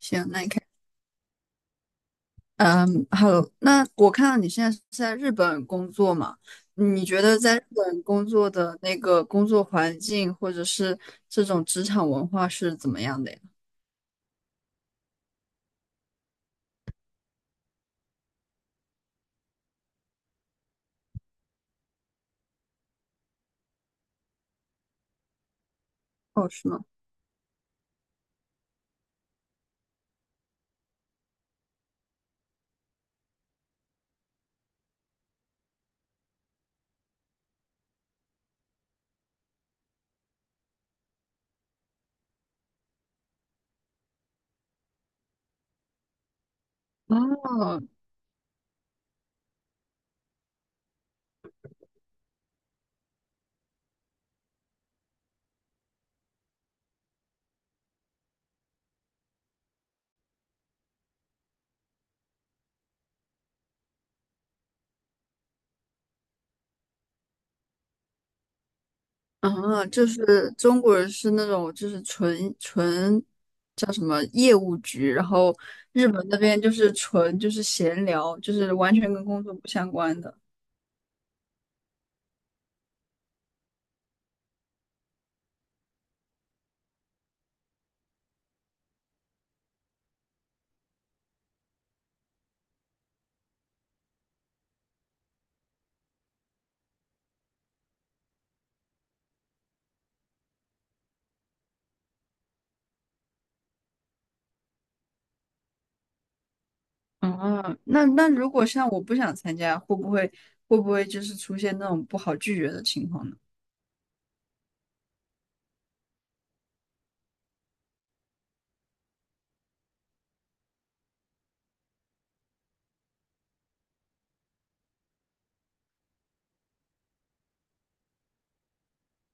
行，那你看，嗯，好，那我看到你现在是在日本工作嘛？你觉得在日本工作的那个工作环境，或者是这种职场文化是怎么样的呀？哦，是吗？哦，啊，就是中国人是那种就是纯叫什么业务局，然后日本那边就是纯就是闲聊，就是完全跟工作不相关的。哦，那如果像我不想参加，会不会就是出现那种不好拒绝的情况呢？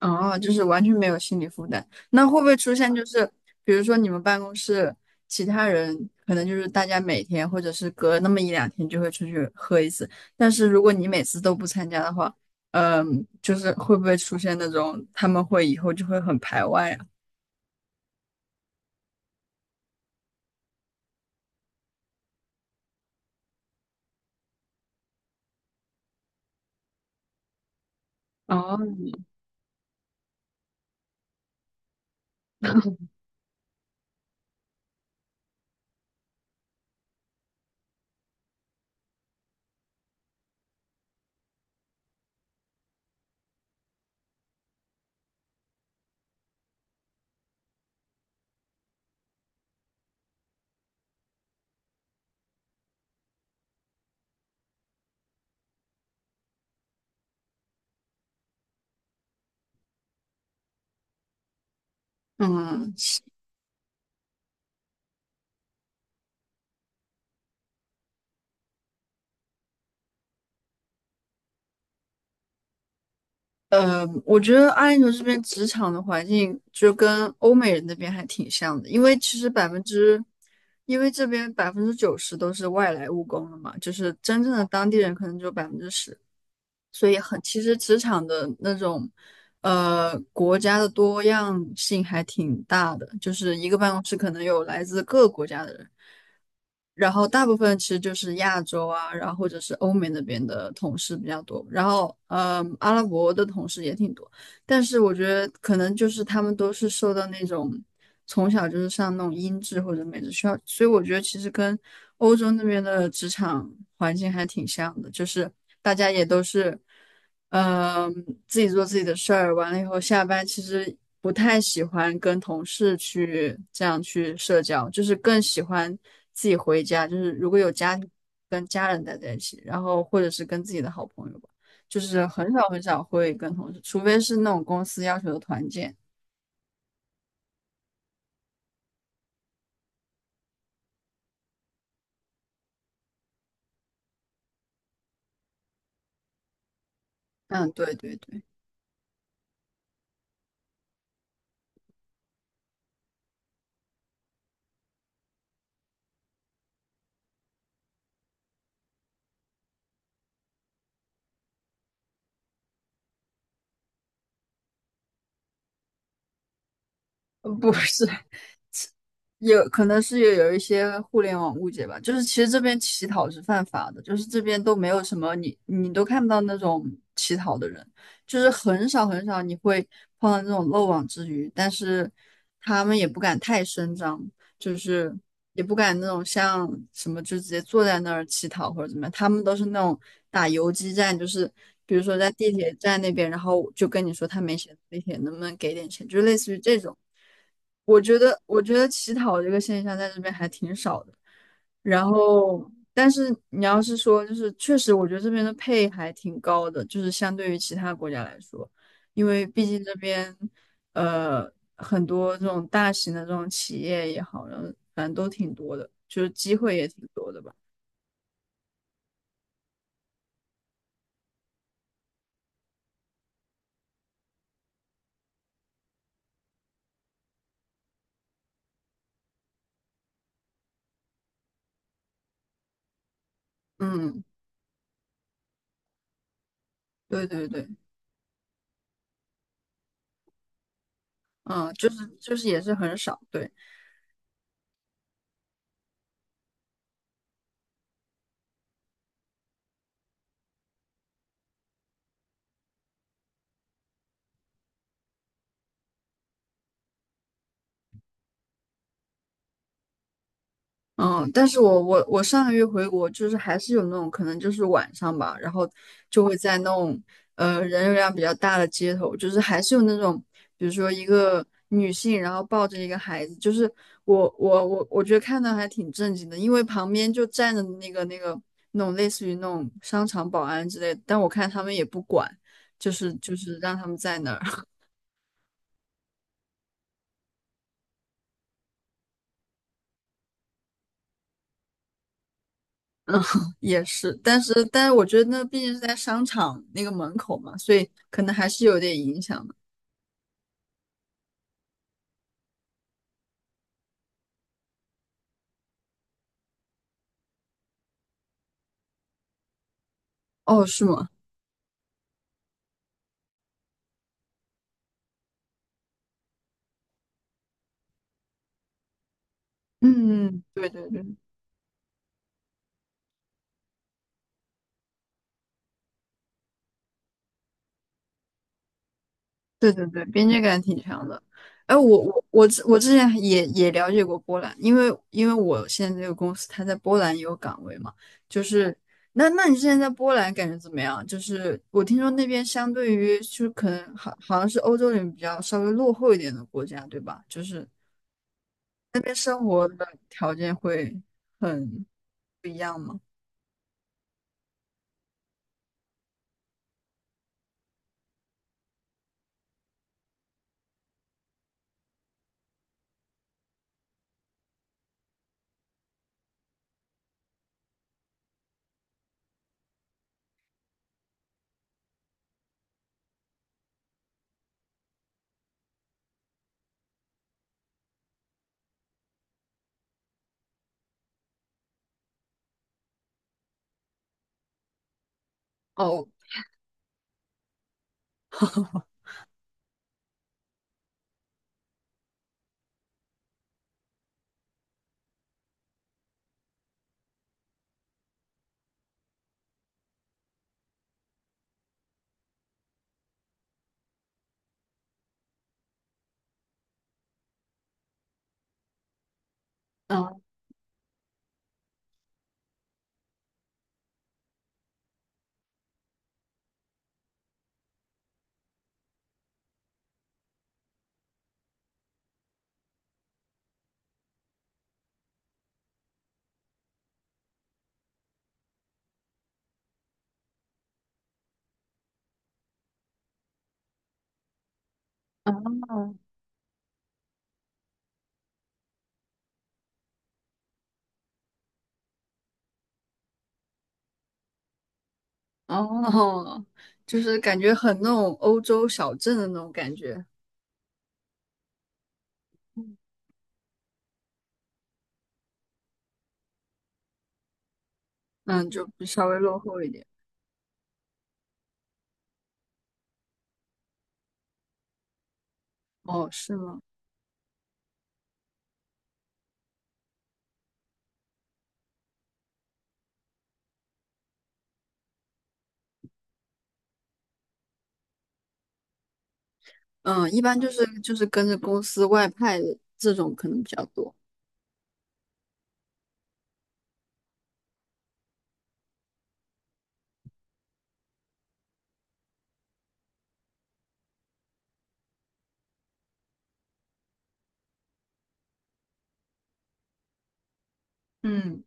哦，就是完全没有心理负担。那会不会出现就是，比如说你们办公室其他人可能就是大家每天或者是隔那么一两天就会出去喝一次，但是如果你每次都不参加的话，嗯，就是会不会出现那种他们会以后就会很排外啊？哦，嗯，我觉得阿联酋这边职场的环境就跟欧美人那边还挺像的，因为这边90%都是外来务工了嘛，就是真正的当地人可能只有10%，所以很，其实职场的那种，国家的多样性还挺大的，就是一个办公室可能有来自各个国家的人，然后大部分其实就是亚洲啊，然后或者是欧美那边的同事比较多，然后，阿拉伯的同事也挺多。但是我觉得可能就是他们都是受到那种从小就是上那种音质或者美制学校，所以我觉得其实跟欧洲那边的职场环境还挺像的，就是大家也都是，嗯、自己做自己的事儿，完了以后下班其实不太喜欢跟同事去这样去社交，就是更喜欢自己回家，就是如果有家庭跟家人待在一起，然后或者是跟自己的好朋友吧。就是很少很少会跟同事，除非是那种公司要求的团建。嗯，对对对，不是，有可能是有一些互联网误解吧，就是其实这边乞讨是犯法的，就是这边都没有什么你都看不到那种乞讨的人，就是很少很少你会碰到那种漏网之鱼，但是他们也不敢太声张，就是也不敢那种像什么就直接坐在那儿乞讨或者怎么样，他们都是那种打游击战，就是比如说在地铁站那边，然后就跟你说他没钱，地铁能不能给点钱，就类似于这种。我觉得乞讨这个现象在这边还挺少的。然后，但是你要是说，就是确实，我觉得这边的配还挺高的，就是相对于其他国家来说，因为毕竟这边，呃，很多这种大型的这种企业也好，然后反正都挺多的，就是机会也挺多的吧。嗯，对对对，嗯，就是就是也是很少，对。嗯，但是我上个月回国，就是还是有那种可能就是晚上吧，然后就会在那种呃人流量比较大的街头，就是还是有那种，比如说一个女性，然后抱着一个孩子，就是我觉得看到还挺震惊的，因为旁边就站着那种类似于那种商场保安之类的，但我看他们也不管，就是让他们在那儿。嗯，也是，但是但是我觉得那毕竟是在商场那个门口嘛，所以可能还是有点影响的。哦，是吗？嗯，嗯对对对对对对，边界感挺强的。哎，我之前也也了解过波兰，因为我现在这个公司它在波兰也有岗位嘛，就是那你之前在波兰感觉怎么样？就是我听说那边相对于就是可能好像是欧洲里面比较稍微落后一点的国家，对吧？就是那边生活的条件会很哦，嗯哦，就是感觉很那种欧洲小镇的那种感觉，嗯，就比稍微落后一点。哦，是吗？嗯，一般就是就是跟着公司外派的这种可能比较多。嗯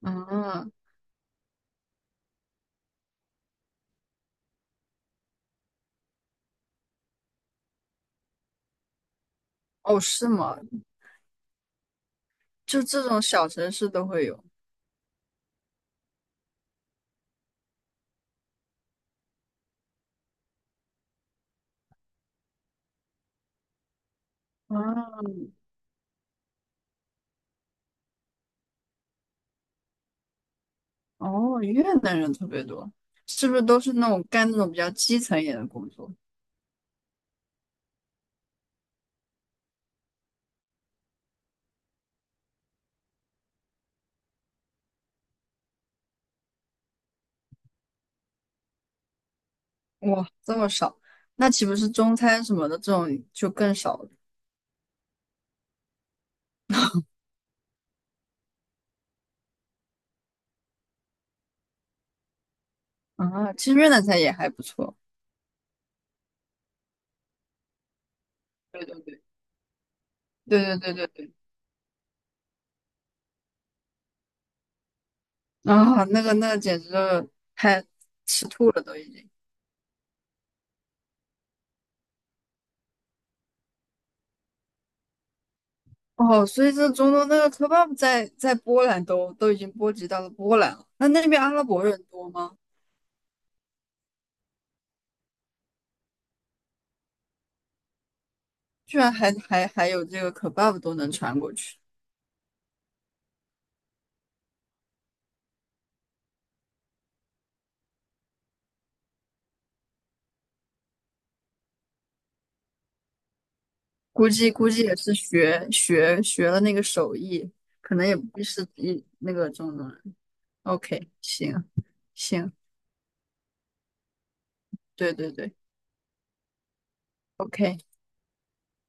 嗯，哦，是吗？就这种小城市都会有。嗯，哦，越南人特别多，是不是都是那种干那种比较基层一点的工作？哇，这么少，那岂不是中餐什么的这种就更少了啊？其实越南菜也还不错。对对对对对对对对啊，那个那个简直就太吃吐了都已经。哦，所以这中东那个 kebab 在波兰都已经波及到了波兰了。那那边阿拉伯人多吗？居然还有这个 kebab 都能传过去，估计也是学了那个手艺，可能也不是一那个中东人。OK，行行。对对对，OK。